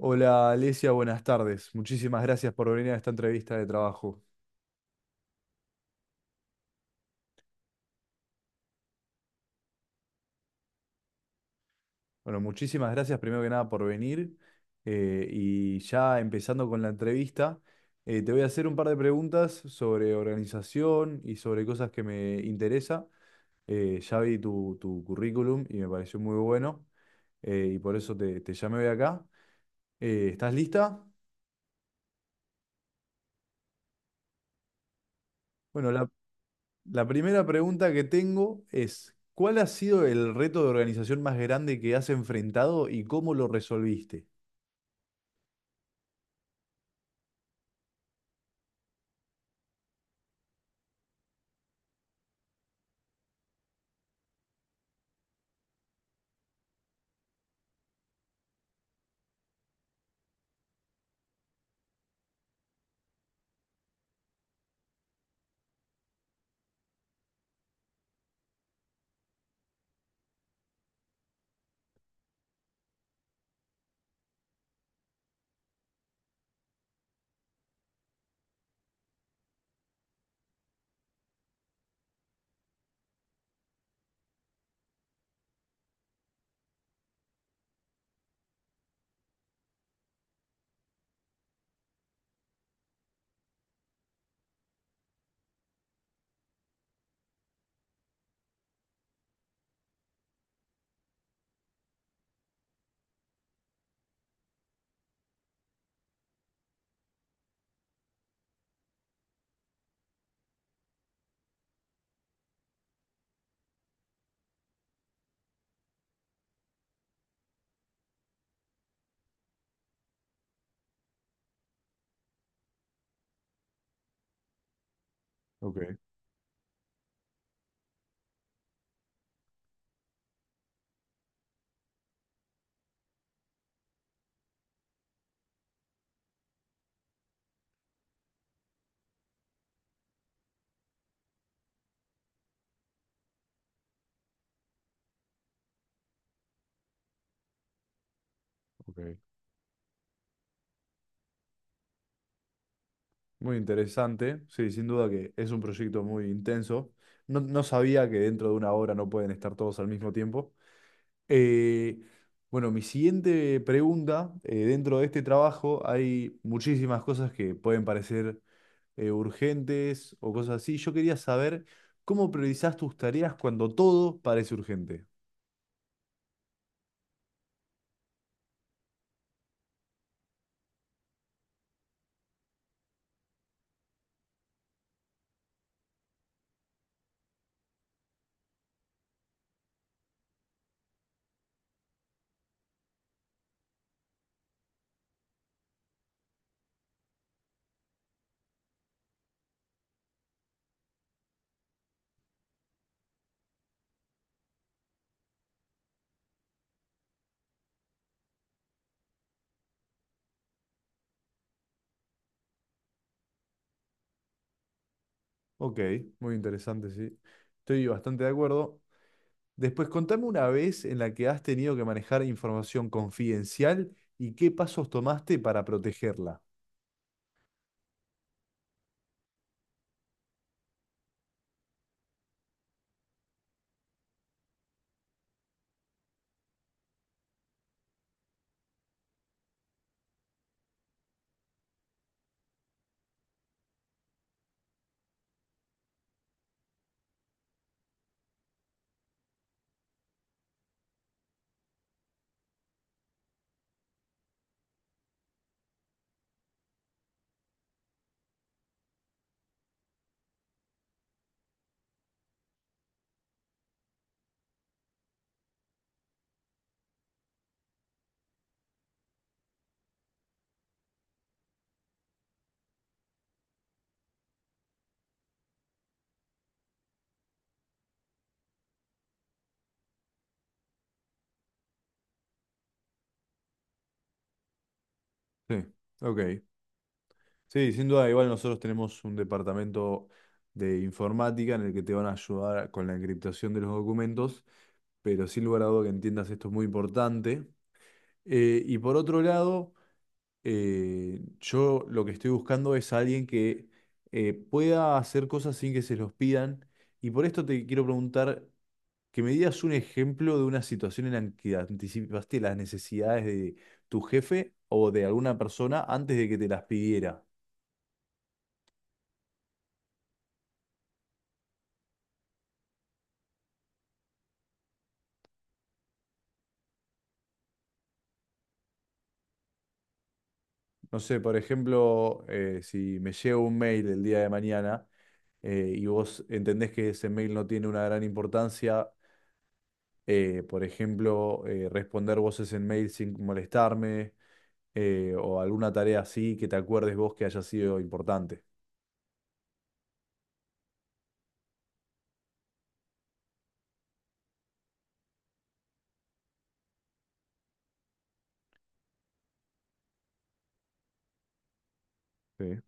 Hola Alesia, buenas tardes. Muchísimas gracias por venir a esta entrevista de trabajo. Bueno, muchísimas gracias primero que nada por venir. Y ya empezando con la entrevista, te voy a hacer un par de preguntas sobre organización y sobre cosas que me interesa. Ya vi tu currículum y me pareció muy bueno, y por eso te llamé hoy acá. ¿Estás lista? Bueno, la, La primera pregunta que tengo es, ¿cuál ha sido el reto de organización más grande que has enfrentado y cómo lo resolviste? Ok, ok. Muy interesante, sí, sin duda que es un proyecto muy intenso. No, no sabía que dentro de una hora no pueden estar todos al mismo tiempo. Eh, bueno, mi siguiente pregunta. Dentro de este trabajo hay muchísimas cosas que pueden parecer urgentes o cosas así. Yo quería saber cómo priorizás tus tareas cuando todo parece urgente. Ok, muy interesante, sí. Estoy bastante de acuerdo. Después, contame una vez en la que has tenido que manejar información confidencial y qué pasos tomaste para protegerla. Sí, ok. Sí, sin duda, igual nosotros tenemos un departamento de informática en el que te van a ayudar con la encriptación de los documentos, pero sin lugar a duda que entiendas esto es muy importante. Y por otro lado... yo lo que estoy buscando es alguien que pueda hacer cosas sin que se los pidan. Y por esto te quiero preguntar que me digas un ejemplo de una situación en la que anticipaste las necesidades de tu jefe o de alguna persona antes de que te las pidiera. No sé, por ejemplo, si me llega un mail el día de mañana y vos entendés que ese mail no tiene una gran importancia, por ejemplo, responder vos ese mail sin molestarme, o alguna tarea así que te acuerdes vos que haya sido importante. Sí,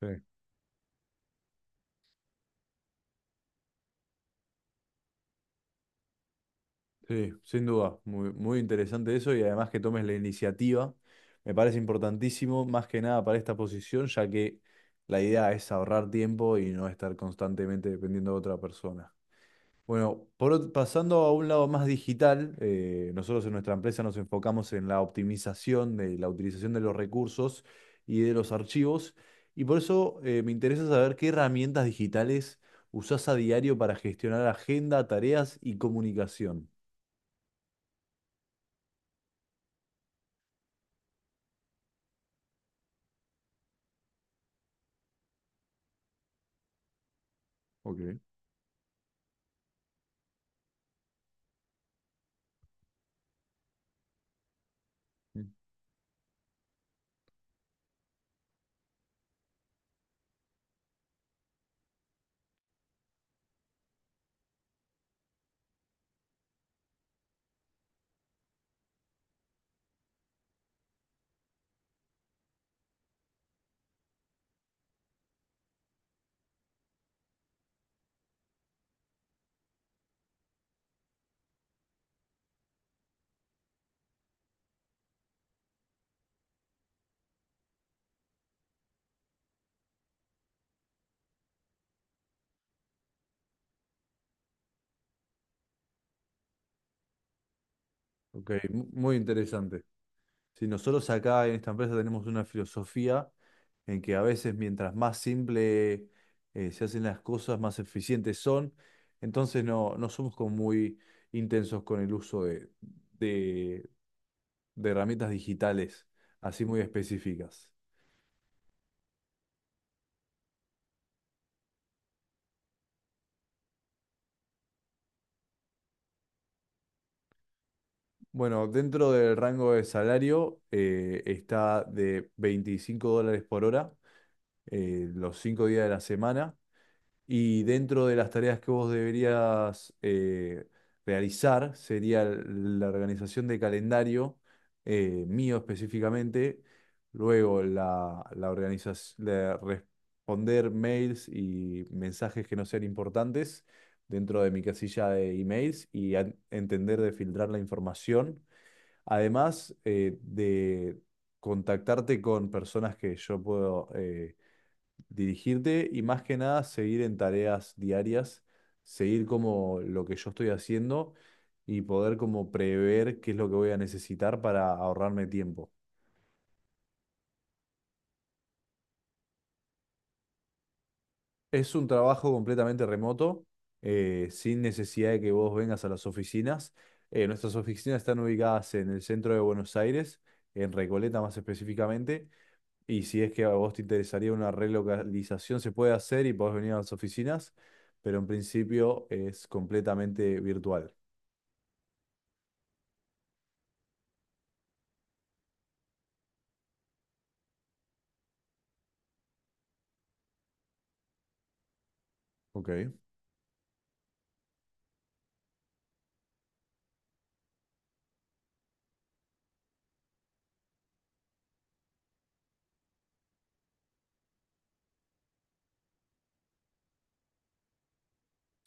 sí. Sí, sin duda, muy, muy interesante eso, y además que tomes la iniciativa, me parece importantísimo, más que nada para esta posición, ya que la idea es ahorrar tiempo y no estar constantemente dependiendo de otra persona. Bueno, pasando a un lado más digital, nosotros en nuestra empresa nos enfocamos en la optimización de la utilización de los recursos y de los archivos, y por eso me interesa saber qué herramientas digitales usás a diario para gestionar agenda, tareas y comunicación. Ok. Mm. Ok, muy interesante. Si nosotros acá en esta empresa tenemos una filosofía, en que a veces mientras más simple se hacen las cosas, más eficientes son. Entonces no, no somos como muy intensos con el uso de, de herramientas digitales, así muy específicas. Bueno, dentro del rango de salario está de $25 por hora, los 5 días de la semana. Y dentro de las tareas que vos deberías realizar sería la organización de calendario, mío específicamente, luego la organización, responder mails y mensajes que no sean importantes dentro de mi casilla de emails y entender de filtrar la información, además de contactarte con personas que yo puedo... dirigirte, y más que nada seguir en tareas diarias, seguir como lo que yo estoy haciendo y poder como prever qué es lo que voy a necesitar para ahorrarme tiempo. Es un trabajo completamente remoto, sin necesidad de que vos vengas a las oficinas. Nuestras oficinas están ubicadas en el centro de Buenos Aires, en Recoleta más específicamente. Y si es que a vos te interesaría una relocalización, se puede hacer y podés venir a las oficinas, pero en principio es completamente virtual. Ok.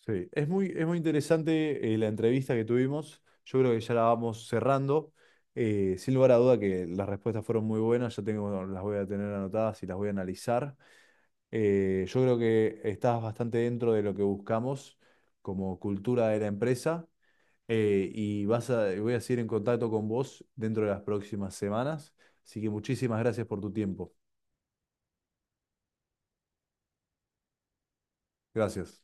Sí, es muy interesante la entrevista que tuvimos. Yo creo que ya la vamos cerrando. Sin lugar a duda que las respuestas fueron muy buenas. Yo tengo, bueno, las voy a tener anotadas y las voy a analizar. Yo creo que estás bastante dentro de lo que buscamos como cultura de la empresa. Y vas a, voy a seguir en contacto con vos dentro de las próximas semanas. Así que muchísimas gracias por tu tiempo. Gracias.